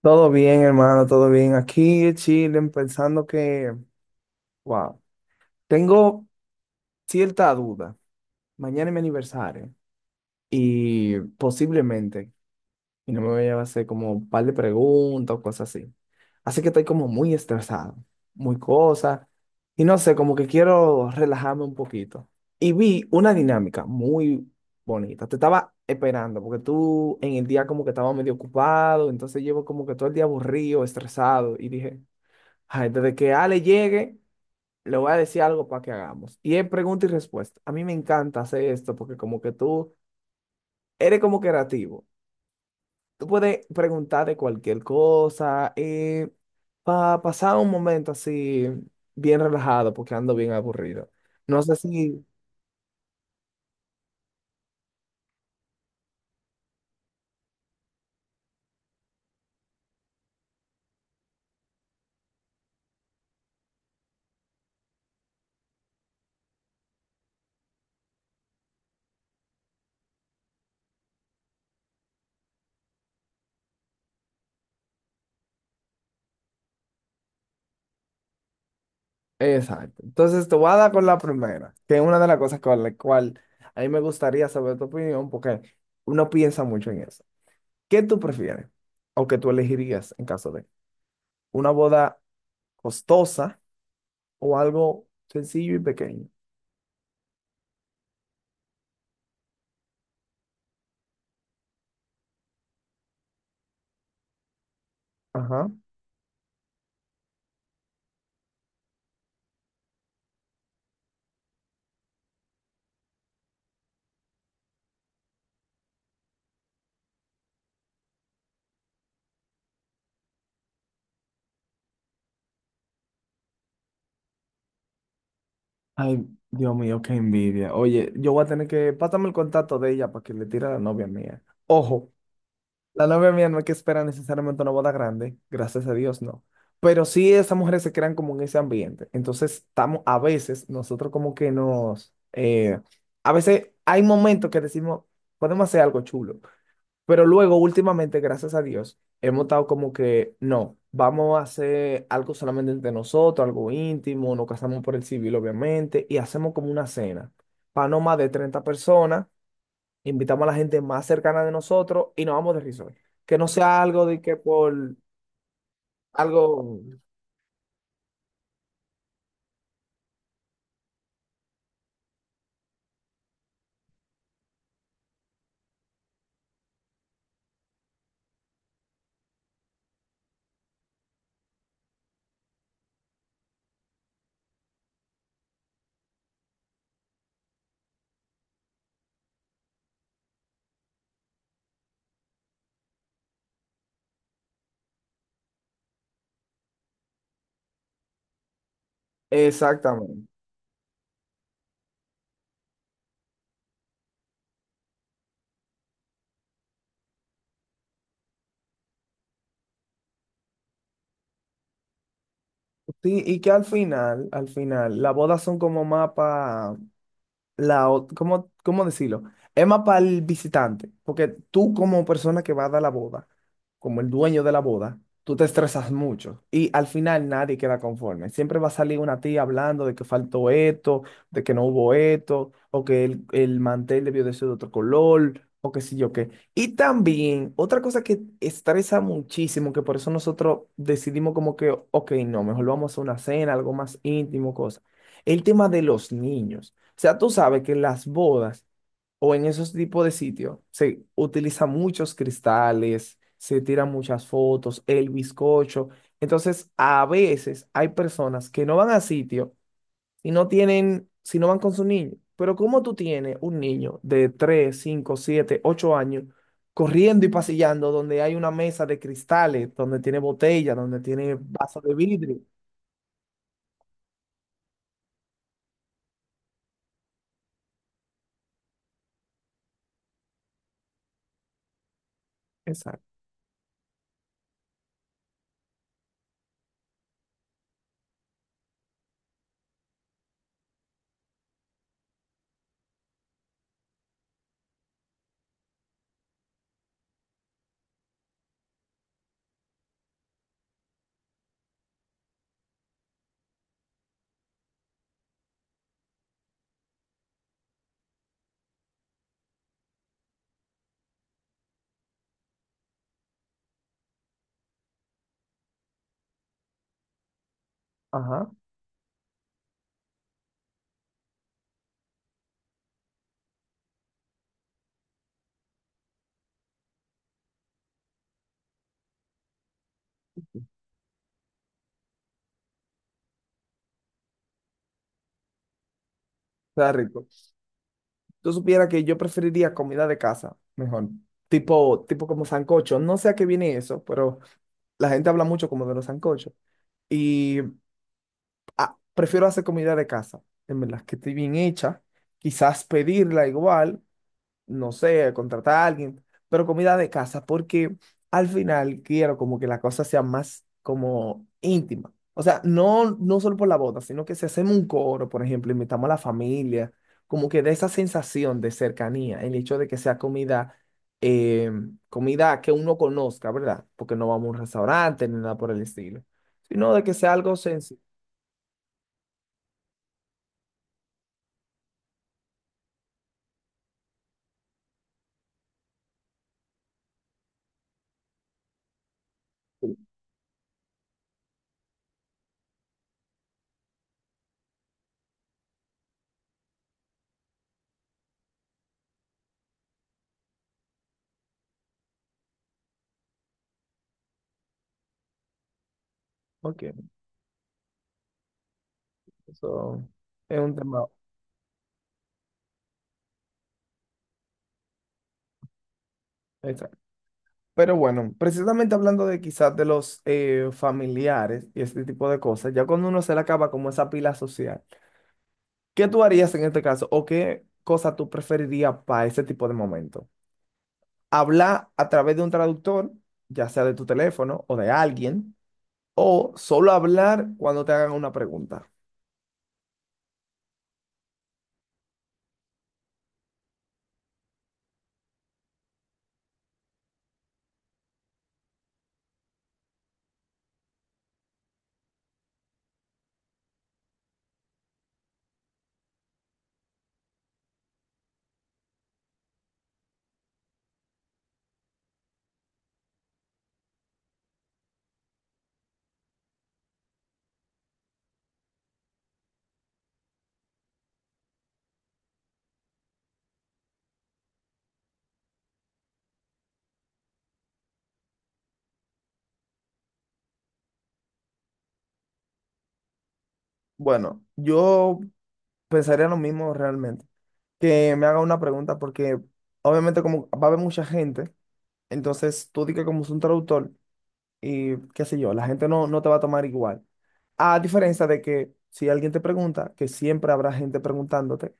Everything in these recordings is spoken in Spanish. Todo bien, hermano, todo bien. Aquí en Chile, pensando que, wow, tengo cierta duda. Mañana es mi aniversario y posiblemente, y no me voy a hacer como un par de preguntas o cosas así. Así que estoy como muy estresado, muy cosa, y no sé, como que quiero relajarme un poquito. Y vi una dinámica muy bonita. Te estaba esperando porque tú en el día como que estaba medio ocupado, entonces llevo como que todo el día aburrido, estresado, y dije, ay, desde que Ale llegue, le voy a decir algo para que hagamos. Y es pregunta y respuesta. A mí me encanta hacer esto porque como que tú eres como creativo. Tú puedes preguntar de cualquier cosa para pasar un momento así bien relajado porque ando bien aburrido. No sé si... Exacto. Entonces te voy a dar con la primera, que es una de las cosas con la cual a mí me gustaría saber tu opinión porque uno piensa mucho en eso. ¿Qué tú prefieres o que tú elegirías en caso de una boda, costosa o algo sencillo y pequeño? Ajá. Ay, Dios mío, qué envidia. Oye, yo voy a tener que, pásame el contacto de ella para que le tire a la novia mía. Ojo. La novia mía no es que espera necesariamente una boda grande, gracias a Dios, no. Pero sí esas mujeres se crean como en ese ambiente. Entonces estamos, a veces, nosotros como que nos, a veces hay momentos que decimos, podemos hacer algo chulo. Pero luego, últimamente, gracias a Dios, hemos estado como que, no, vamos a hacer algo solamente entre nosotros, algo íntimo, nos casamos por el civil, obviamente, y hacemos como una cena para no más de 30 personas, invitamos a la gente más cercana de nosotros y nos vamos de risor. Que no sea algo de que por algo exactamente. Sí, y que al final, las bodas son como mapa la, ¿cómo, cómo decirlo? Es más para el visitante, porque tú como persona que va a dar la boda, como el dueño de la boda, tú te estresas mucho y al final nadie queda conforme. Siempre va a salir una tía hablando de que faltó esto, de que no hubo esto, o que el mantel debió de ser de otro color, o qué sé yo qué. Y también otra cosa que estresa muchísimo, que por eso nosotros decidimos como que, ok, no, mejor vamos a una cena, algo más íntimo, cosa. El tema de los niños. O sea, tú sabes que en las bodas o en esos tipos de sitios se utilizan muchos cristales, se tiran muchas fotos, el bizcocho. Entonces, a veces hay personas que no van a sitio y no tienen, si no van con su niño. Pero ¿cómo tú tienes un niño de 3, 5, 7, 8 años corriendo y pasillando donde hay una mesa de cristales, donde tiene botella, donde tiene vaso de vidrio? Exacto. Ajá. Está rico. Tú supieras que yo preferiría comida de casa, mejor. Tipo como sancocho. No sé a qué viene eso, pero la gente habla mucho como de los sancochos. Y ah, prefiero hacer comida de casa, en verdad, que esté bien hecha. Quizás pedirla igual, no sé, contratar a alguien, pero comida de casa, porque al final quiero como que la cosa sea más como íntima. O sea, no, no solo por la boda, sino que si hacemos un coro, por ejemplo, invitamos a la familia, como que de esa sensación de cercanía, el hecho de que sea comida, eh, comida que uno conozca, ¿verdad? Porque no vamos a un restaurante ni nada por el estilo, sino de que sea algo sencillo. Ok, eso es un tema. Exacto. Pero bueno, precisamente hablando de quizás de los familiares y este tipo de cosas, ya cuando uno se le acaba como esa pila social, ¿qué tú harías en este caso o qué cosa tú preferirías para ese tipo de momento? ¿Hablar a través de un traductor, ya sea de tu teléfono o de alguien, o solo hablar cuando te hagan una pregunta? Bueno, yo pensaría lo mismo realmente, que me haga una pregunta porque obviamente como va a haber mucha gente, entonces tú di que como es un traductor. Y qué sé yo, la gente no, no te va a tomar igual. A diferencia de que si alguien te pregunta, que siempre habrá gente preguntándote,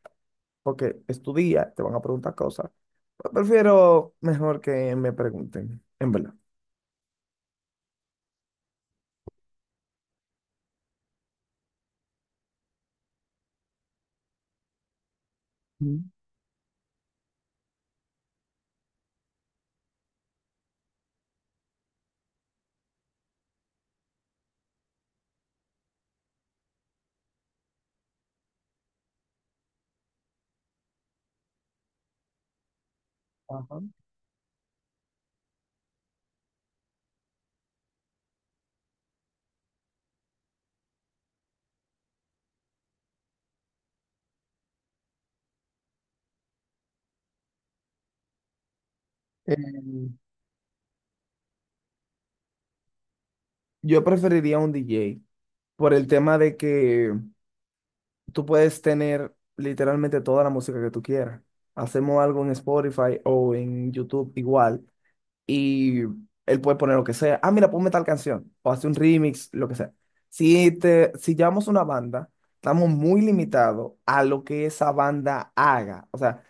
porque es tu día, te van a preguntar cosas. Pues prefiero mejor que me pregunten, en verdad. Mm. Ajá. Em, yo preferiría un DJ por el tema de que tú puedes tener literalmente toda la música que tú quieras. Hacemos algo en Spotify o en YouTube igual. Y él puede poner lo que sea. Ah, mira, ponme tal canción o hace un remix, lo que sea. Si llevamos una banda, estamos muy limitados a lo que esa banda haga, o sea,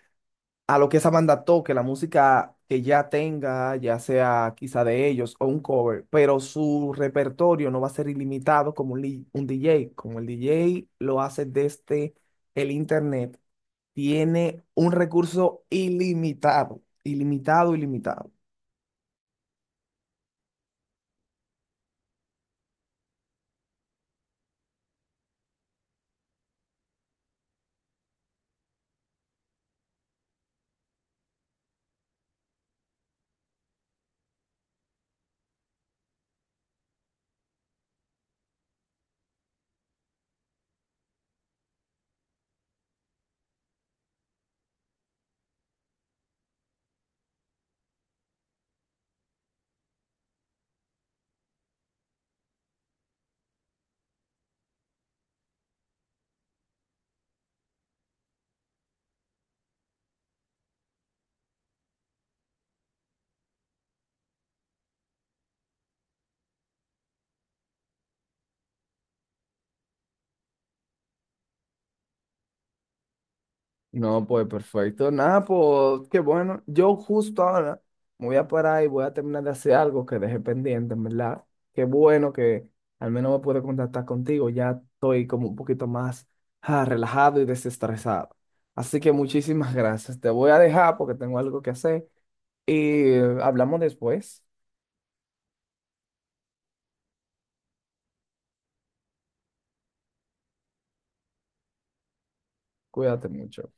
a lo que esa banda toque, la música que ya tenga, ya sea quizá de ellos o un cover, pero su repertorio no va a ser ilimitado como un DJ, como el DJ lo hace desde el internet, tiene un recurso ilimitado, ilimitado, ilimitado. No, pues perfecto. Nada, pues qué bueno. Yo justo ahora me voy a parar y voy a terminar de hacer algo que dejé pendiente, en verdad. Qué bueno que al menos me pude contactar contigo. Ya estoy como un poquito más ah, relajado y desestresado. Así que muchísimas gracias. Te voy a dejar porque tengo algo que hacer y hablamos después. Cuídate mucho.